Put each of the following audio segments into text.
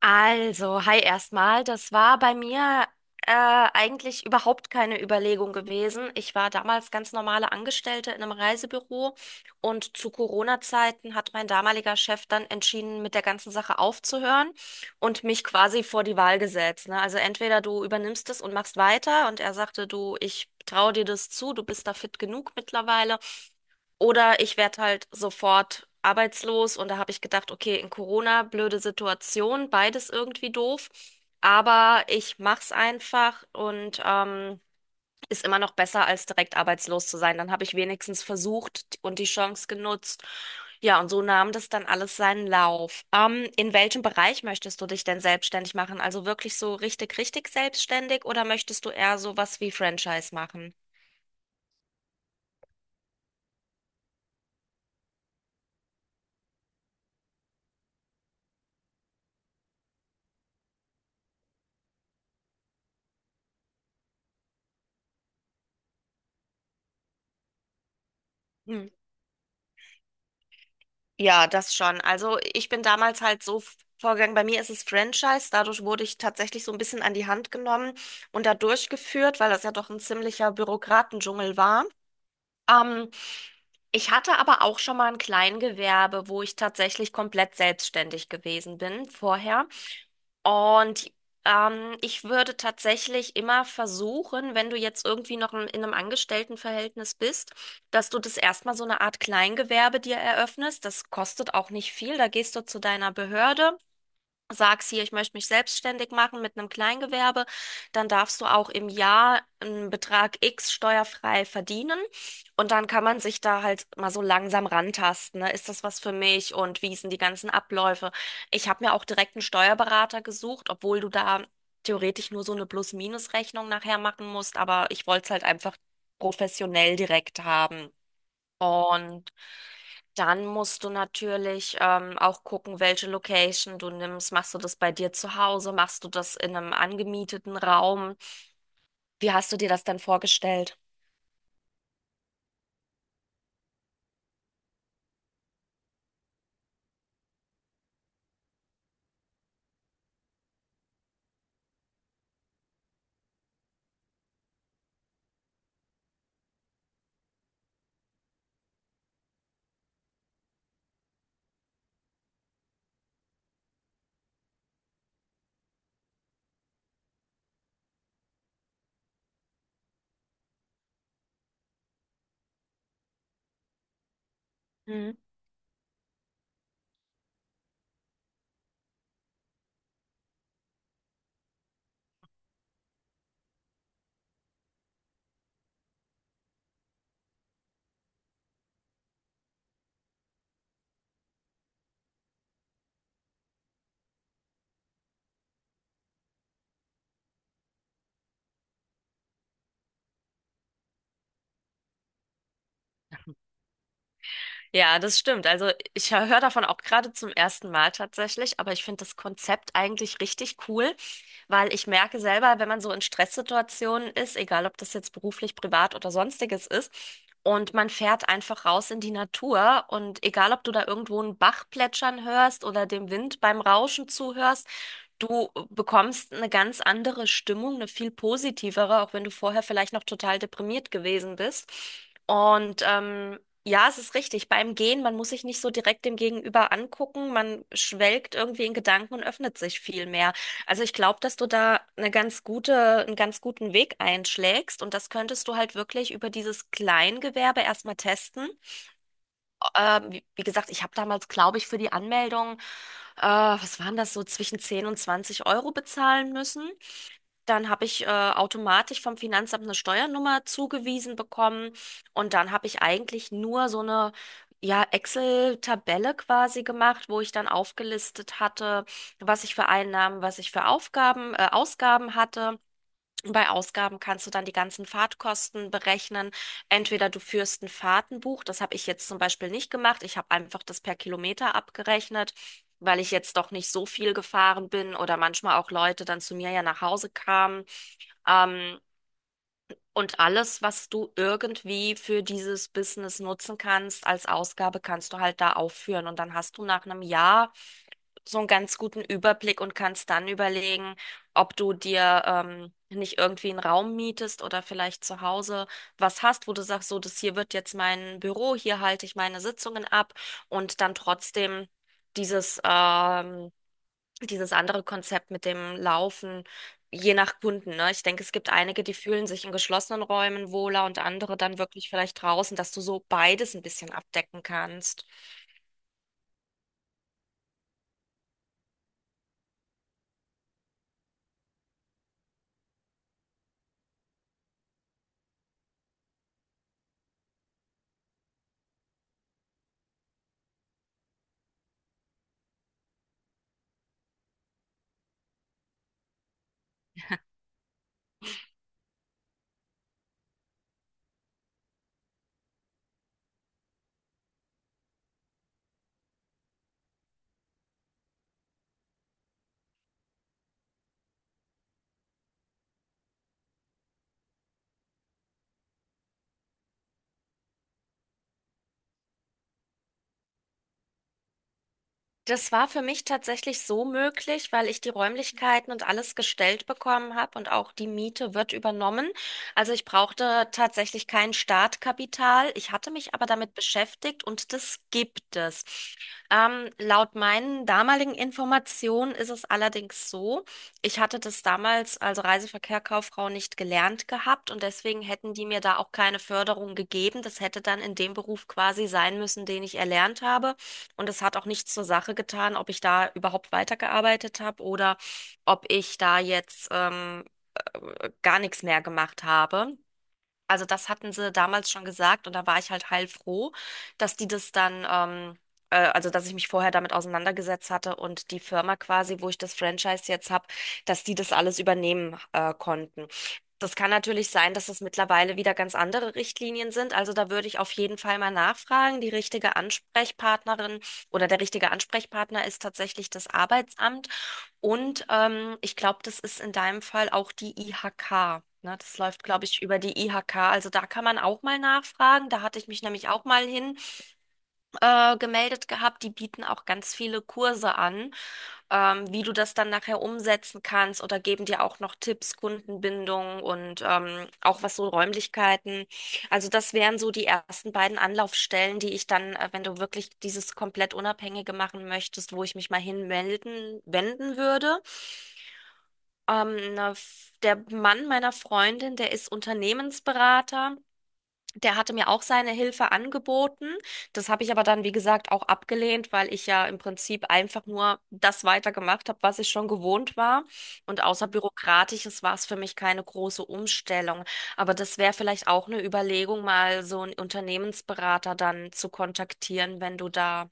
Also, hi erstmal. Das war bei mir äh, eigentlich überhaupt keine Überlegung gewesen. Ich war damals ganz normale Angestellte in einem Reisebüro und zu Corona-Zeiten hat mein damaliger Chef dann entschieden, mit der ganzen Sache aufzuhören und mich quasi vor die Wahl gesetzt. Ne? Also entweder du übernimmst es und machst weiter und er sagte, du, ich traue dir das zu, du bist da fit genug mittlerweile. Oder ich werde halt sofort arbeitslos und da habe ich gedacht, okay, in Corona, blöde Situation, beides irgendwie doof. Aber ich mach's einfach und ist immer noch besser, als direkt arbeitslos zu sein. Dann habe ich wenigstens versucht und die Chance genutzt. Ja, und so nahm das dann alles seinen Lauf. In welchem Bereich möchtest du dich denn selbstständig machen? Also wirklich so richtig, richtig selbstständig oder möchtest du eher sowas wie Franchise machen? Ja, das schon. Also ich bin damals halt so vorgegangen. Bei mir ist es Franchise. Dadurch wurde ich tatsächlich so ein bisschen an die Hand genommen und da durchgeführt, weil das ja doch ein ziemlicher Bürokratendschungel war. Ähm, ich hatte aber auch schon mal ein Kleingewerbe, wo ich tatsächlich komplett selbstständig gewesen bin vorher. Und ich würde tatsächlich immer versuchen, wenn du jetzt irgendwie noch in einem Angestelltenverhältnis bist, dass du das erstmal so eine Art Kleingewerbe dir eröffnest. Das kostet auch nicht viel. Da gehst du zu deiner Behörde, sagst hier, ich möchte mich selbstständig machen mit einem Kleingewerbe, dann darfst du auch im Jahr einen Betrag X steuerfrei verdienen und dann kann man sich da halt mal so langsam rantasten, ne? Ist das was für mich und wie sind die ganzen Abläufe? Ich habe mir auch direkt einen Steuerberater gesucht, obwohl du da theoretisch nur so eine Plus-Minus-Rechnung nachher machen musst, aber ich wollte es halt einfach professionell direkt haben. Und dann musst du natürlich auch gucken, welche Location du nimmst. Machst du das bei dir zu Hause? Machst du das in einem angemieteten Raum? Wie hast du dir das dann vorgestellt? Ja, das stimmt. Also ich höre davon auch gerade zum ersten Mal tatsächlich, aber ich finde das Konzept eigentlich richtig cool, weil ich merke selber, wenn man so in Stresssituationen ist, egal ob das jetzt beruflich, privat oder sonstiges ist, und man fährt einfach raus in die Natur und egal ob du da irgendwo einen Bach plätschern hörst oder dem Wind beim Rauschen zuhörst, du bekommst eine ganz andere Stimmung, eine viel positivere, auch wenn du vorher vielleicht noch total deprimiert gewesen bist. Und ja, es ist richtig. Beim Gehen, man muss sich nicht so direkt dem Gegenüber angucken. Man schwelgt irgendwie in Gedanken und öffnet sich viel mehr. Also ich glaube, dass du da eine ganz gute, einen ganz guten Weg einschlägst und das könntest du halt wirklich über dieses Kleingewerbe erstmal testen. Wie, wie gesagt, ich habe damals, glaube ich, für die Anmeldung, was waren das so, zwischen 10 und 20 Euro bezahlen müssen. Dann habe ich automatisch vom Finanzamt eine Steuernummer zugewiesen bekommen und dann habe ich eigentlich nur so eine, ja, Excel-Tabelle quasi gemacht, wo ich dann aufgelistet hatte, was ich für Einnahmen, was ich für Ausgaben hatte. Bei Ausgaben kannst du dann die ganzen Fahrtkosten berechnen. Entweder du führst ein Fahrtenbuch, das habe ich jetzt zum Beispiel nicht gemacht. Ich habe einfach das per Kilometer abgerechnet, weil ich jetzt doch nicht so viel gefahren bin oder manchmal auch Leute dann zu mir ja nach Hause kamen. Ähm, und alles, was du irgendwie für dieses Business nutzen kannst, als Ausgabe, kannst du halt da aufführen. Und dann hast du nach einem Jahr so einen ganz guten Überblick und kannst dann überlegen, ob du dir nicht irgendwie einen Raum mietest oder vielleicht zu Hause was hast, wo du sagst, so, das hier wird jetzt mein Büro, hier halte ich meine Sitzungen ab und dann trotzdem dieses dieses andere Konzept mit dem Laufen, je nach Kunden, ne? Ich denke, es gibt einige, die fühlen sich in geschlossenen Räumen wohler und andere dann wirklich vielleicht draußen, dass du so beides ein bisschen abdecken kannst. Das war für mich tatsächlich so möglich, weil ich die Räumlichkeiten und alles gestellt bekommen habe und auch die Miete wird übernommen. Also ich brauchte tatsächlich kein Startkapital. Ich hatte mich aber damit beschäftigt und das gibt es. Laut meinen damaligen Informationen ist es allerdings so, ich hatte das damals, also Reiseverkehr Kauffrau, nicht gelernt gehabt und deswegen hätten die mir da auch keine Förderung gegeben. Das hätte dann in dem Beruf quasi sein müssen, den ich erlernt habe. Und es hat auch nichts zur Sache getan, ob ich da überhaupt weitergearbeitet habe oder ob ich da jetzt gar nichts mehr gemacht habe. Also das hatten sie damals schon gesagt und da war ich halt heilfroh, dass die das dann also dass ich mich vorher damit auseinandergesetzt hatte und die Firma quasi, wo ich das Franchise jetzt habe, dass die das alles übernehmen konnten. Das kann natürlich sein, dass es mittlerweile wieder ganz andere Richtlinien sind. Also da würde ich auf jeden Fall mal nachfragen. Die richtige Ansprechpartnerin oder der richtige Ansprechpartner ist tatsächlich das Arbeitsamt. Und ich glaube, das ist in deinem Fall auch die IHK. Ne? Das läuft, glaube ich, über die IHK. Also da kann man auch mal nachfragen. Da hatte ich mich nämlich auch mal hin gemeldet gehabt. Die bieten auch ganz viele Kurse an, wie du das dann nachher umsetzen kannst oder geben dir auch noch Tipps, Kundenbindung und auch was so Räumlichkeiten. Also das wären so die ersten beiden Anlaufstellen, die ich dann, wenn du wirklich dieses komplett Unabhängige machen möchtest, wo ich mich mal hinmelden, wenden würde. Der Mann meiner Freundin, der ist Unternehmensberater. Der hatte mir auch seine Hilfe angeboten. Das habe ich aber dann, wie gesagt, auch abgelehnt, weil ich ja im Prinzip einfach nur das weitergemacht habe, was ich schon gewohnt war. Und außer Bürokratisches war es für mich keine große Umstellung. Aber das wäre vielleicht auch eine Überlegung, mal so einen Unternehmensberater dann zu kontaktieren, wenn du da.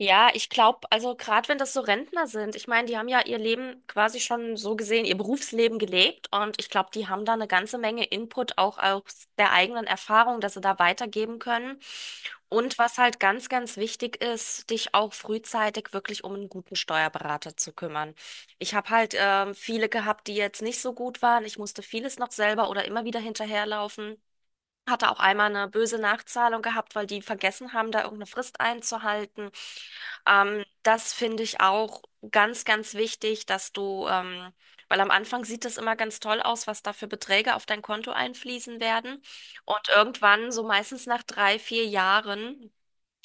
Ja, ich glaube, also gerade wenn das so Rentner sind, ich meine, die haben ja ihr Leben quasi schon so gesehen, ihr Berufsleben gelebt und ich glaube, die haben da eine ganze Menge Input auch aus der eigenen Erfahrung, dass sie da weitergeben können. Und was halt ganz, ganz wichtig ist, dich auch frühzeitig wirklich um einen guten Steuerberater zu kümmern. Ich habe halt viele gehabt, die jetzt nicht so gut waren. Ich musste vieles noch selber oder immer wieder hinterherlaufen. Hatte auch einmal eine böse Nachzahlung gehabt, weil die vergessen haben, da irgendeine Frist einzuhalten. Das finde ich auch ganz, ganz wichtig, dass du, weil am Anfang sieht das immer ganz toll aus, was da für Beträge auf dein Konto einfließen werden. Und irgendwann, so meistens nach 3, 4 Jahren,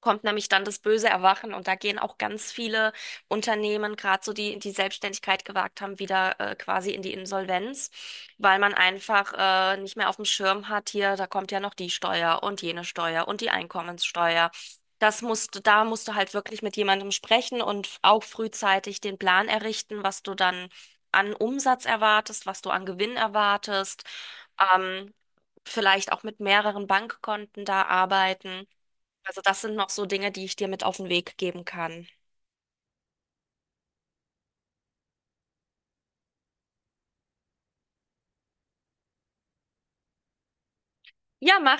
kommt nämlich dann das böse Erwachen und da gehen auch ganz viele Unternehmen, gerade so die Selbstständigkeit gewagt haben, wieder quasi in die Insolvenz, weil man einfach nicht mehr auf dem Schirm hat, hier, da kommt ja noch die Steuer und jene Steuer und die Einkommenssteuer. Das musst du, da musst du halt wirklich mit jemandem sprechen und auch frühzeitig den Plan errichten, was du dann an Umsatz erwartest, was du an Gewinn erwartest. Ähm, vielleicht auch mit mehreren Bankkonten da arbeiten. Also das sind noch so Dinge, die ich dir mit auf den Weg geben kann. Ja, mach